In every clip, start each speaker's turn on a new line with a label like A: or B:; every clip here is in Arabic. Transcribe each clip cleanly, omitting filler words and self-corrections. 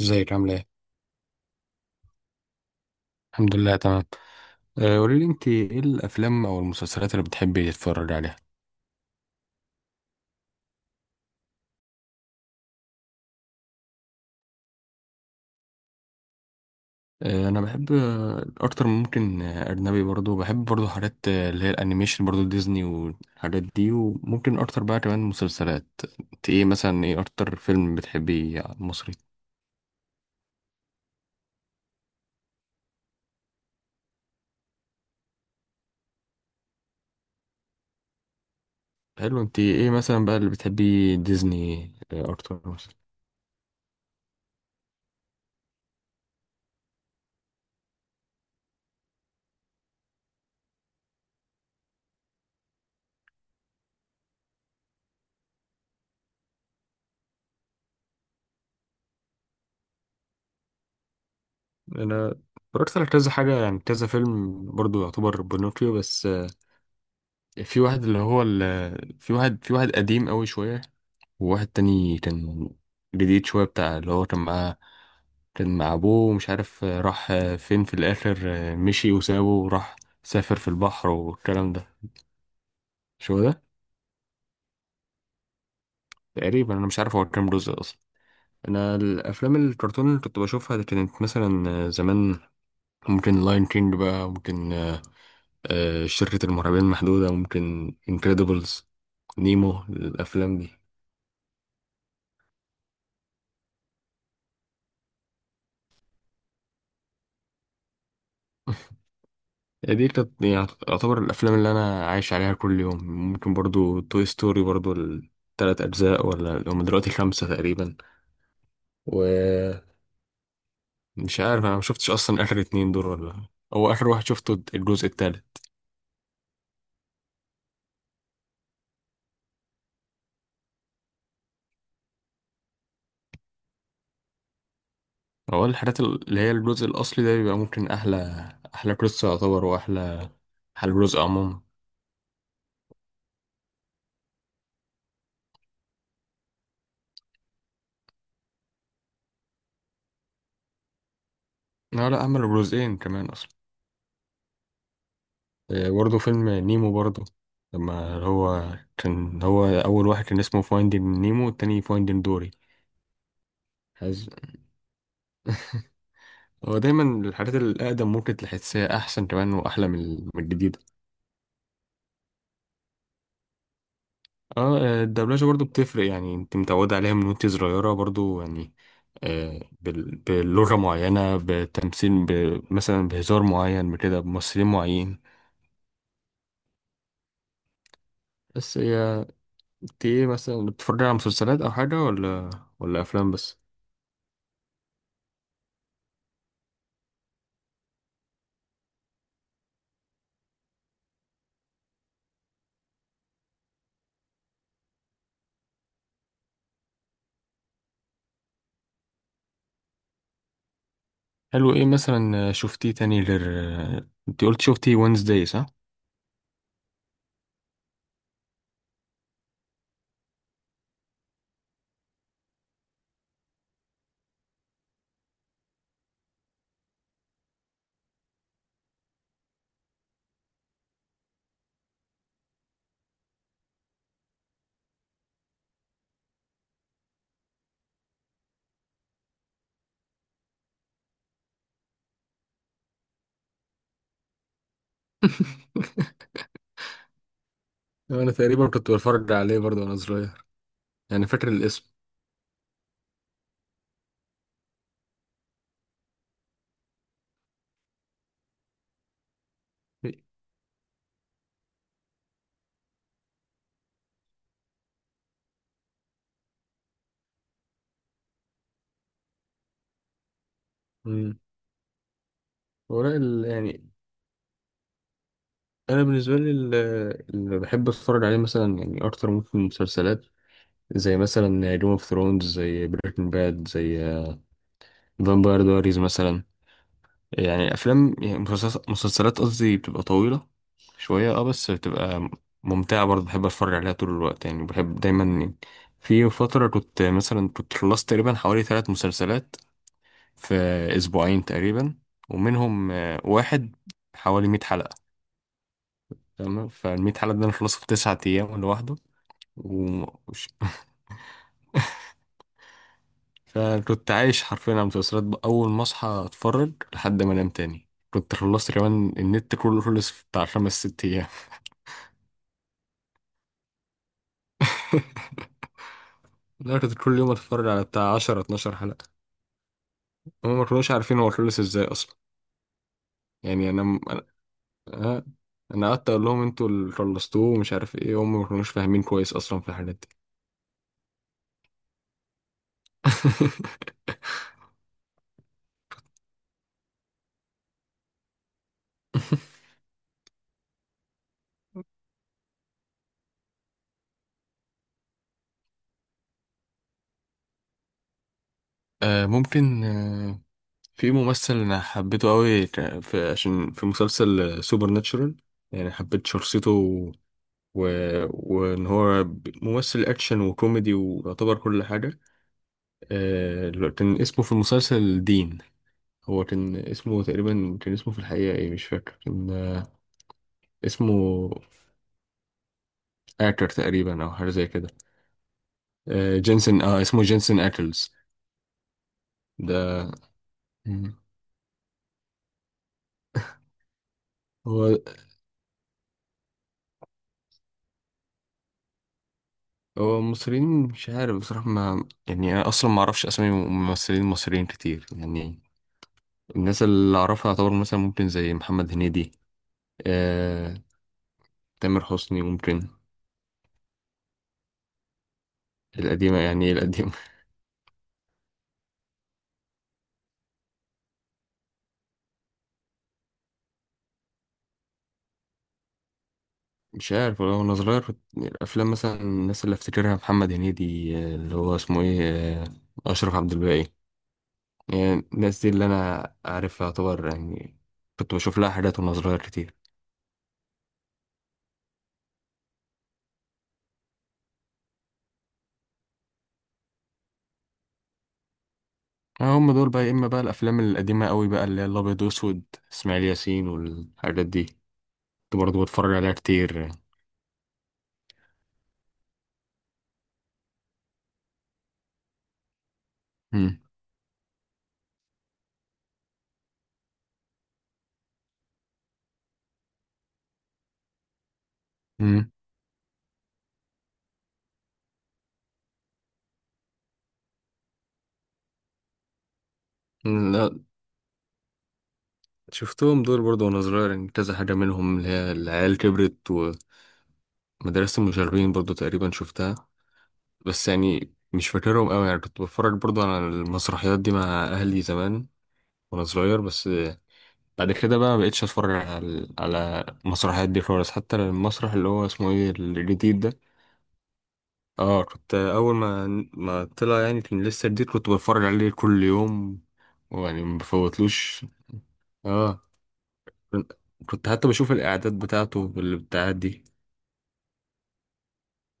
A: ازيك، عامله ايه؟ الحمد لله، تمام. قولي لي، انت ايه الافلام او المسلسلات اللي بتحبي تتفرجي عليها؟ انا بحب اكتر من ممكن اجنبي، برضو بحب برضو حاجات اللي هي الانيميشن، برضو ديزني والحاجات دي، وممكن اكتر بقى كمان مسلسلات. انت ايه مثلا، ايه اكتر فيلم بتحبي مصري؟ حلو. انت ايه مثلا بقى اللي بتحبي ديزني؟ اكتر مثلا. انا اتفرجت على كذا حاجه، يعني كذا فيلم برضو يعتبر بنوكيو، بس في واحد اللي هو في واحد قديم قوي شوية، وواحد تاني كان جديد شوية، بتاع اللي هو كان معاه، كان مع أبوه ومش عارف راح فين في الآخر، مشي وسابه وراح، سافر في البحر والكلام ده. شو ده؟ تقريبا أنا مش عارف هو كام جزء أصلا. أنا الأفلام الكرتون اللي كنت بشوفها دي كانت مثلا زمان ممكن لاين كينج بقى، ممكن شركة المرعبين المحدودة، ممكن انكريدبلز، نيمو، الأفلام دي. دي كانت يعني يعتبر الافلام اللي انا عايش عليها كل يوم. ممكن برضو توي ستوري، برضو ال3 اجزاء ولا هم دلوقتي خمسة تقريبا، ومش عارف، انا ما شفتش اصلا اخر اتنين دول، ولا هو اخر واحد شفته الجزء التالت. هو الحاجات اللي هي الجزء الاصلي ده بيبقى ممكن احلى، احلى قصة يعتبر، واحلى احلى جزء عموما. لا، لا عملوا جزئين كمان اصلا. برضو فيلم نيمو برضو، لما هو كان، هو اول واحد كان اسمه فايندين نيمو والتاني فايندين دوري. حز. هو دايما الحاجات الأقدم ممكن تحسها أحسن كمان وأحلى من الجديدة. اه، الدبلجة برضو بتفرق، يعني انت متعودة عليها من وانت صغيرة برضو يعني بلغة معينة، بتمثيل مثلا بهزار معين، بكده، بممثلين معين. بس هي، انت ايه مثلا، بتتفرج على مسلسلات أو حاجة، ولا أفلام بس؟ حلو، ايه مثلا شفتيه تاني غير، انت قلت شفتي وينزداي صح؟ انا تقريبا كنت بتفرج عليه برضو وانا صغير، يعني فاكر الاسم. مم. هو لا يعني انا بالنسبه لي، اللي بحب اتفرج عليه مثلا يعني اكتر ممكن مسلسلات، زي مثلا جيم اوف ثرونز، زي بريكنج باد، زي فامباير دايريز مثلا. يعني افلام، يعني مسلسلات، مسلسلات قصدي، بتبقى طويله شويه اه، بس بتبقى ممتعه برضه، بحب اتفرج عليها طول الوقت يعني، بحب دايما يعني. في فتره كنت مثلا، كنت خلصت تقريبا حوالي 3 مسلسلات في اسبوعين تقريبا، ومنهم واحد حوالي 100 حلقه. تمام، فالمية حلقة دي أنا خلصت في 9 أيام لوحده. و... وش- فكنت عايش حرفيا على المسلسلات بقى. أول ما أصحى أتفرج لحد ما أنام تاني. كنت خلصت كمان النت كله، خلص في بتاع خمس ست أيام. لا، كنت كل يوم أتفرج على بتاع عشرة اتناشر حلقة. هما ما كانوش عارفين هو خلص إزاي أصلا، يعني أنا أه، أنا قعدت أقول لهم أنتوا اللي خلصتوه ومش عارف إيه، هما ما كانوش فاهمين كويس أصلا في الحاجات دي. ممكن في ممثل انا حبيته قوي في عشان في مسلسل سوبر ناتشورال، يعني حبيت شخصيته وان هو ممثل اكشن وكوميدي ويعتبر كل حاجه. اللي كان اسمه في المسلسل دين، هو كان اسمه تقريبا، كان اسمه في الحقيقه ايه مش فاكر، كان اسمه اكر تقريبا او حاجه زي كده. جينسون، اه اسمه جينسون اكلز ده. مم. هو هو المصريين مش عارف بصراحة، ما يعني أنا أصلا ما أعرفش أسامي ممثلين مصريين كتير يعني. الناس اللي أعرفها يعتبر مثلا ممكن زي محمد هنيدي، آه، تامر حسني ممكن. القديمة؟ يعني إيه القديمة؟ مش عارف والله، وأنا صغير الأفلام مثلا الناس اللي أفتكرها محمد هنيدي، اللي هو اسمه إيه، آه، أشرف عبد الباقي. يعني الناس دي اللي أنا عارفها يعتبر يعني، كنت بشوف لها حاجات وأنا صغير كتير. هم دول بقى، يا إما بقى الأفلام القديمة قوي بقى اللي هي الأبيض وأسود، إسماعيل ياسين والحاجات دي، كنت برضه بتفرج عليها كتير. مم. مم. شفتهم دول برضه وانا صغير يعني، كذا حاجة منهم اللي هي العيال كبرت، ومدرسة المشاغبين برضه تقريبا شفتها. بس يعني مش فاكرهم قوي، يعني كنت بتفرج برضه على المسرحيات دي مع أهلي زمان وانا صغير بس. بعد كده بقى مبقتش اتفرج على المسرحيات دي خالص. حتى المسرح اللي هو اسمه ايه، الجديد ده. اه، كنت اول ما، ما طلع يعني، كان لسه جديد، كنت بتفرج عليه كل يوم، ويعني ما بفوتلوش. اه، كنت حتى بشوف الإعداد بتاعته بالبتاعات دي.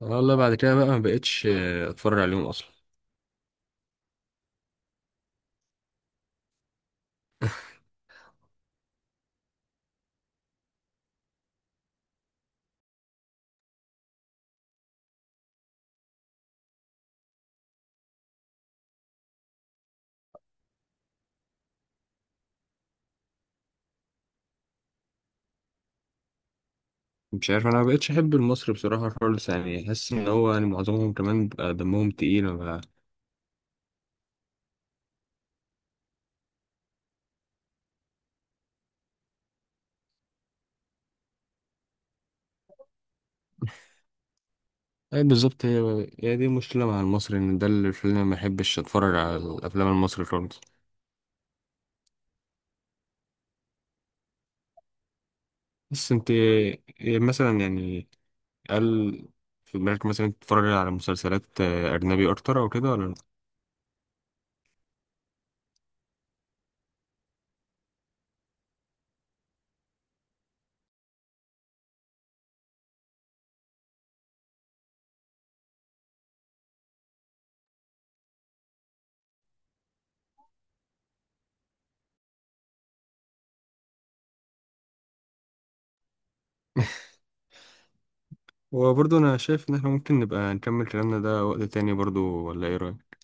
A: انا والله بعد كده بقى ما بقتش اتفرج عليهم اصلا. مش عارف، انا ما بقتش احب المصري بصراحه خالص يعني، احس ان هو يعني معظمهم كمان بيبقى دمهم تقيل بقى. اي بالظبط، هي دي مشكله مع المصري، ان ده اللي خلاني ما احبش اتفرج على الافلام المصري خالص. بس انت إيه مثلا يعني، هل في بالك مثلا تتفرج على مسلسلات اجنبي اكتر او كده ولا لأ؟ وبرضه انا شايف ان احنا ممكن نبقى نكمل كلامنا ده وقت تاني برضه، ولا ايه رايك؟